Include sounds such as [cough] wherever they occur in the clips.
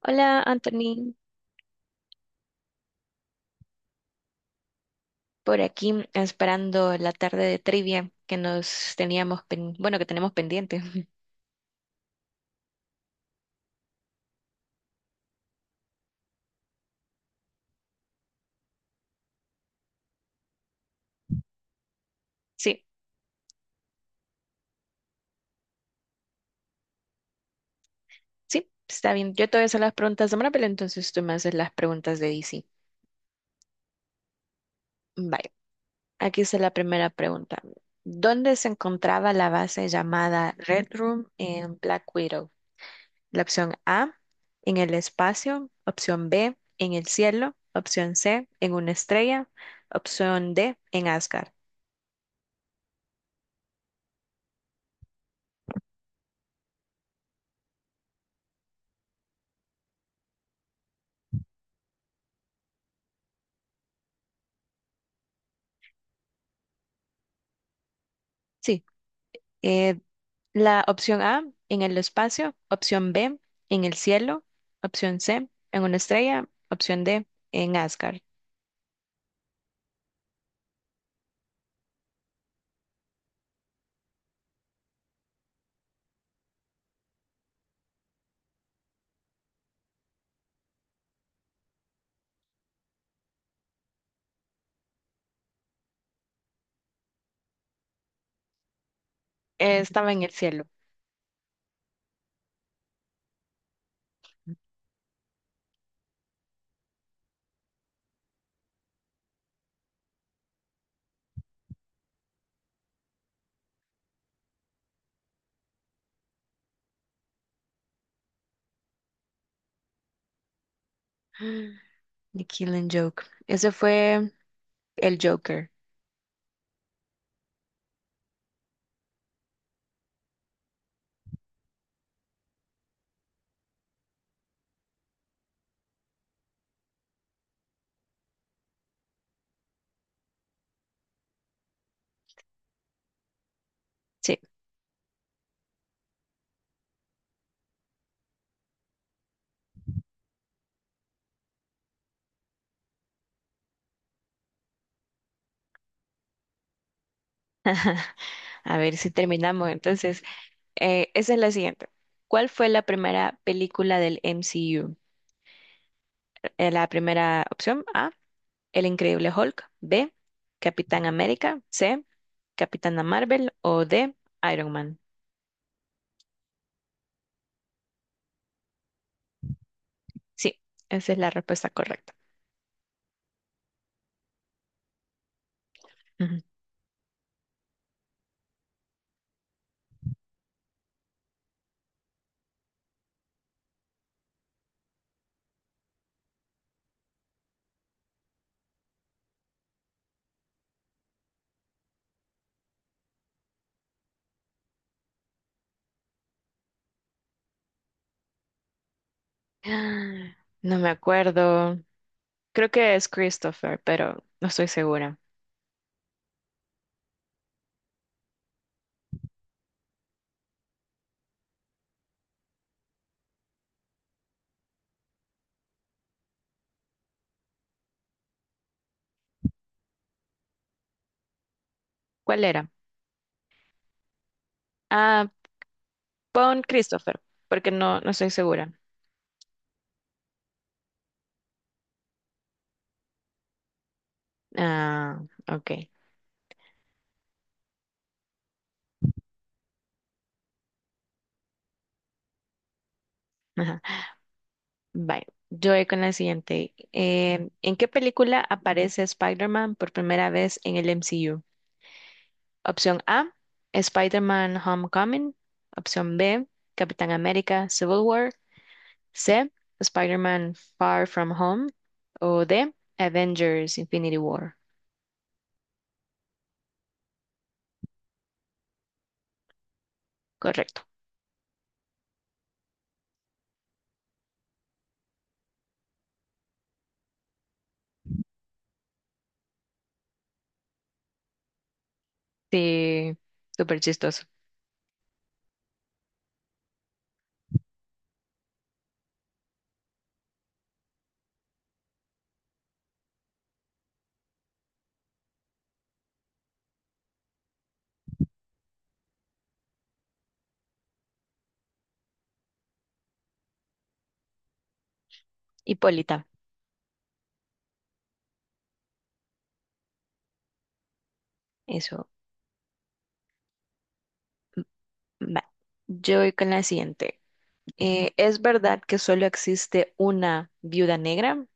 Hola, Anthony. Por aquí, esperando la tarde de trivia que nos teníamos, bueno, que tenemos pendiente. [laughs] Sí, sí, está bien. Yo te voy a hacer las preguntas de Marvel, entonces tú me haces las preguntas de DC. Vale, aquí está la primera pregunta. ¿Dónde se encontraba la base llamada Red Room en Black Widow? La opción A, en el espacio; opción B, en el cielo; opción C, en una estrella; opción D, en Asgard. Sí. eh, La opción A, en el espacio. Opción B, en el cielo. Opción C, en una estrella. Opción D, en Asgard. Estaba en el cielo. [gasps] The Killing Joke. Ese fue el Joker. Sí. [laughs] A ver si terminamos. Entonces, esa es la siguiente. ¿Cuál fue la primera película del MCU? La primera, opción A, El Increíble Hulk; B, Capitán América; C, Capitana Marvel; o D, Iron Man. Sí, esa es la respuesta correcta. Ujú. Ah, no me acuerdo. Creo que es Christopher, pero no estoy segura. ¿Cuál era? Ah, pon Christopher, porque no, no estoy segura. Ah, ok. Ajá. Bye. Yo voy con la siguiente. ¿En qué película aparece Spider-Man por primera vez en el MCU? Opción A, Spider-Man Homecoming. Opción B, Capitán América Civil War. C, Spider-Man Far From Home, o D, Avengers Infinity War. Correcto. Sí, súper chistoso. Hipólita, eso va. Yo voy con la siguiente. ¿Es verdad que solo existe una viuda negra?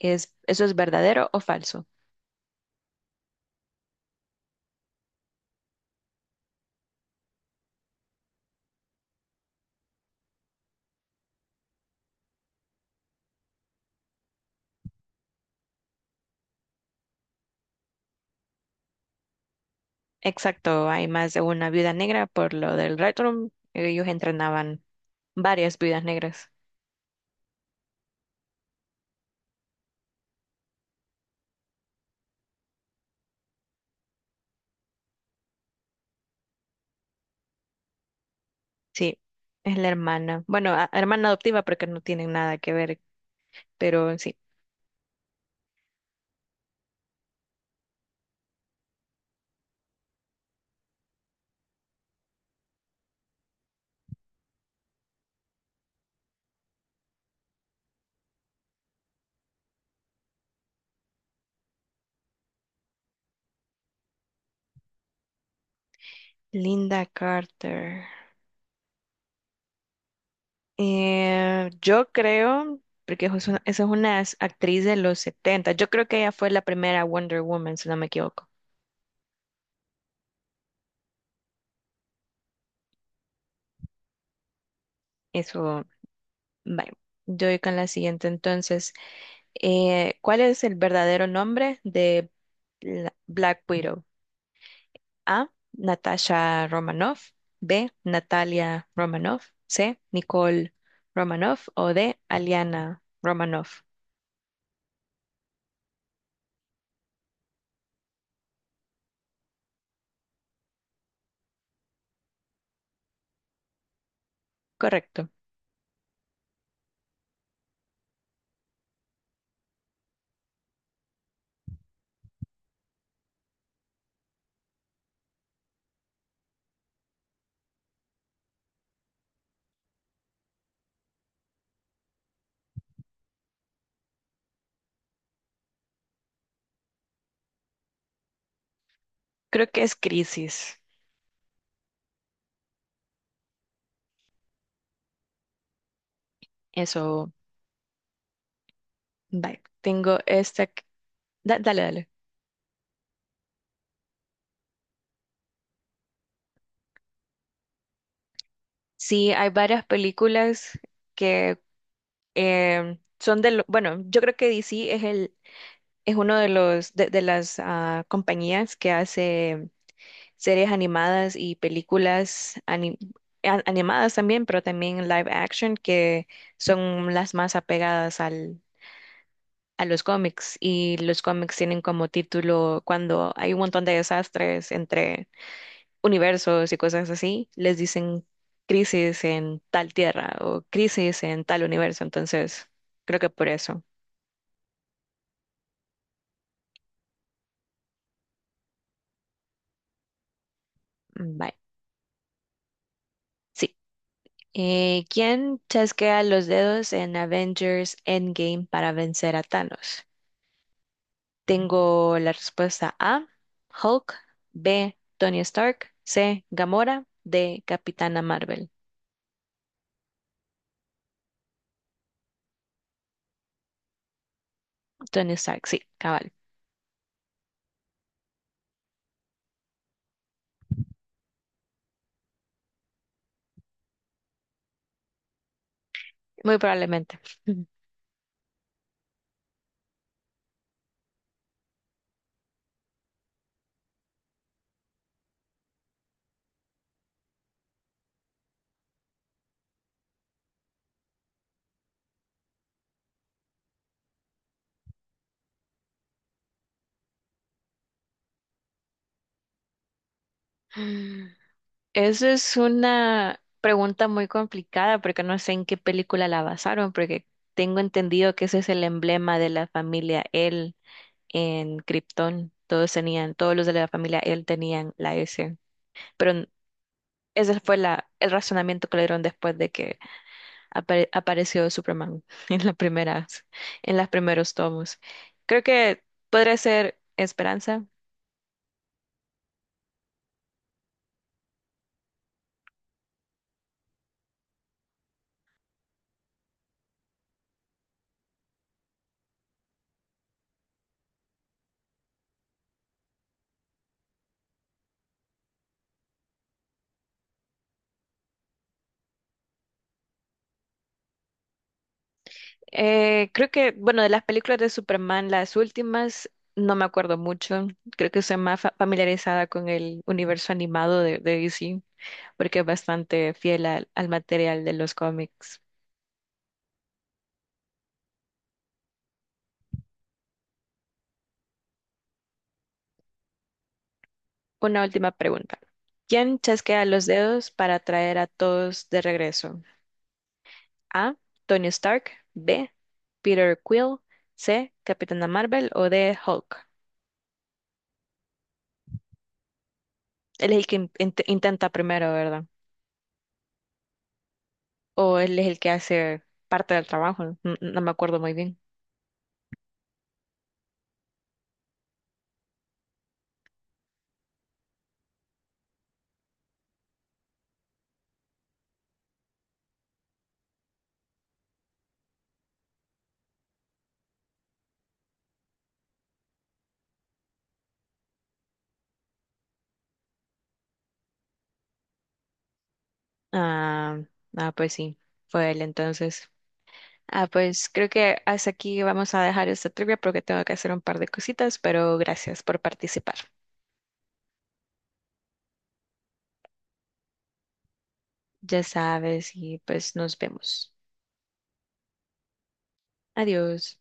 ¿ eso es verdadero o falso? Exacto, hay más de una viuda negra por lo del Red Room. Ellos entrenaban varias viudas negras. Sí, es la hermana. Bueno, hermana adoptiva porque no tienen nada que ver, pero sí. Linda Carter. Yo creo, porque esa es una actriz de los 70. Yo creo que ella fue la primera Wonder Woman, si no me equivoco. Eso, vale. Yo voy con la siguiente entonces. ¿Cuál es el verdadero nombre de Black Widow? A, Natasha Romanoff; B, Natalia Romanoff; C, Nicole Romanoff; o D, Aliana Romanoff. Correcto. Creo que es Crisis. Eso. Vale, tengo esta. Dale, dale. Sí, hay varias películas que son de lo, bueno, yo creo que DC es el es uno de los de las, ah, compañías que hace series animadas y películas animadas también, pero también live action, que son las más apegadas al a los cómics. Y los cómics tienen como título, cuando hay un montón de desastres entre universos y cosas así, les dicen crisis en tal tierra o crisis en tal universo. Entonces, creo que por eso. Mm. Bye. Sí. ¿Quién chasquea los dedos en Avengers Endgame para vencer a Thanos? Tengo la respuesta A, Hulk; B, Tony Stark; C, Gamora; D, Capitana Marvel. Tony Stark, sí, cabal. Muy probablemente. [laughs] Eso es una pregunta muy complicada porque no sé en qué película la basaron, porque tengo entendido que ese es el emblema de la familia L en Krypton. Todos tenían, todos los de la familia L tenían la S. Pero ese fue la, el razonamiento que le dieron después de que apareció Superman [laughs] en las primeras, en los primeros tomos. Creo que podría ser Esperanza. Creo que, bueno, de las películas de Superman, las últimas, no me acuerdo mucho. Creo que soy más familiarizada con el universo animado de DC, porque es bastante fiel al, al material de los cómics. Una última pregunta. ¿Quién chasquea los dedos para traer a todos de regreso? A, Tony Stark; B, Peter Quill; C, Capitana Marvel; o D, Hulk. Él es el que intenta primero, ¿verdad? O él es el que hace parte del trabajo, no, no me acuerdo muy bien. Ah, ah, pues sí, fue él entonces. Ah, pues creo que hasta aquí vamos a dejar esta trivia porque tengo que hacer un par de cositas, pero gracias por participar. Ya sabes, y pues nos vemos. Adiós.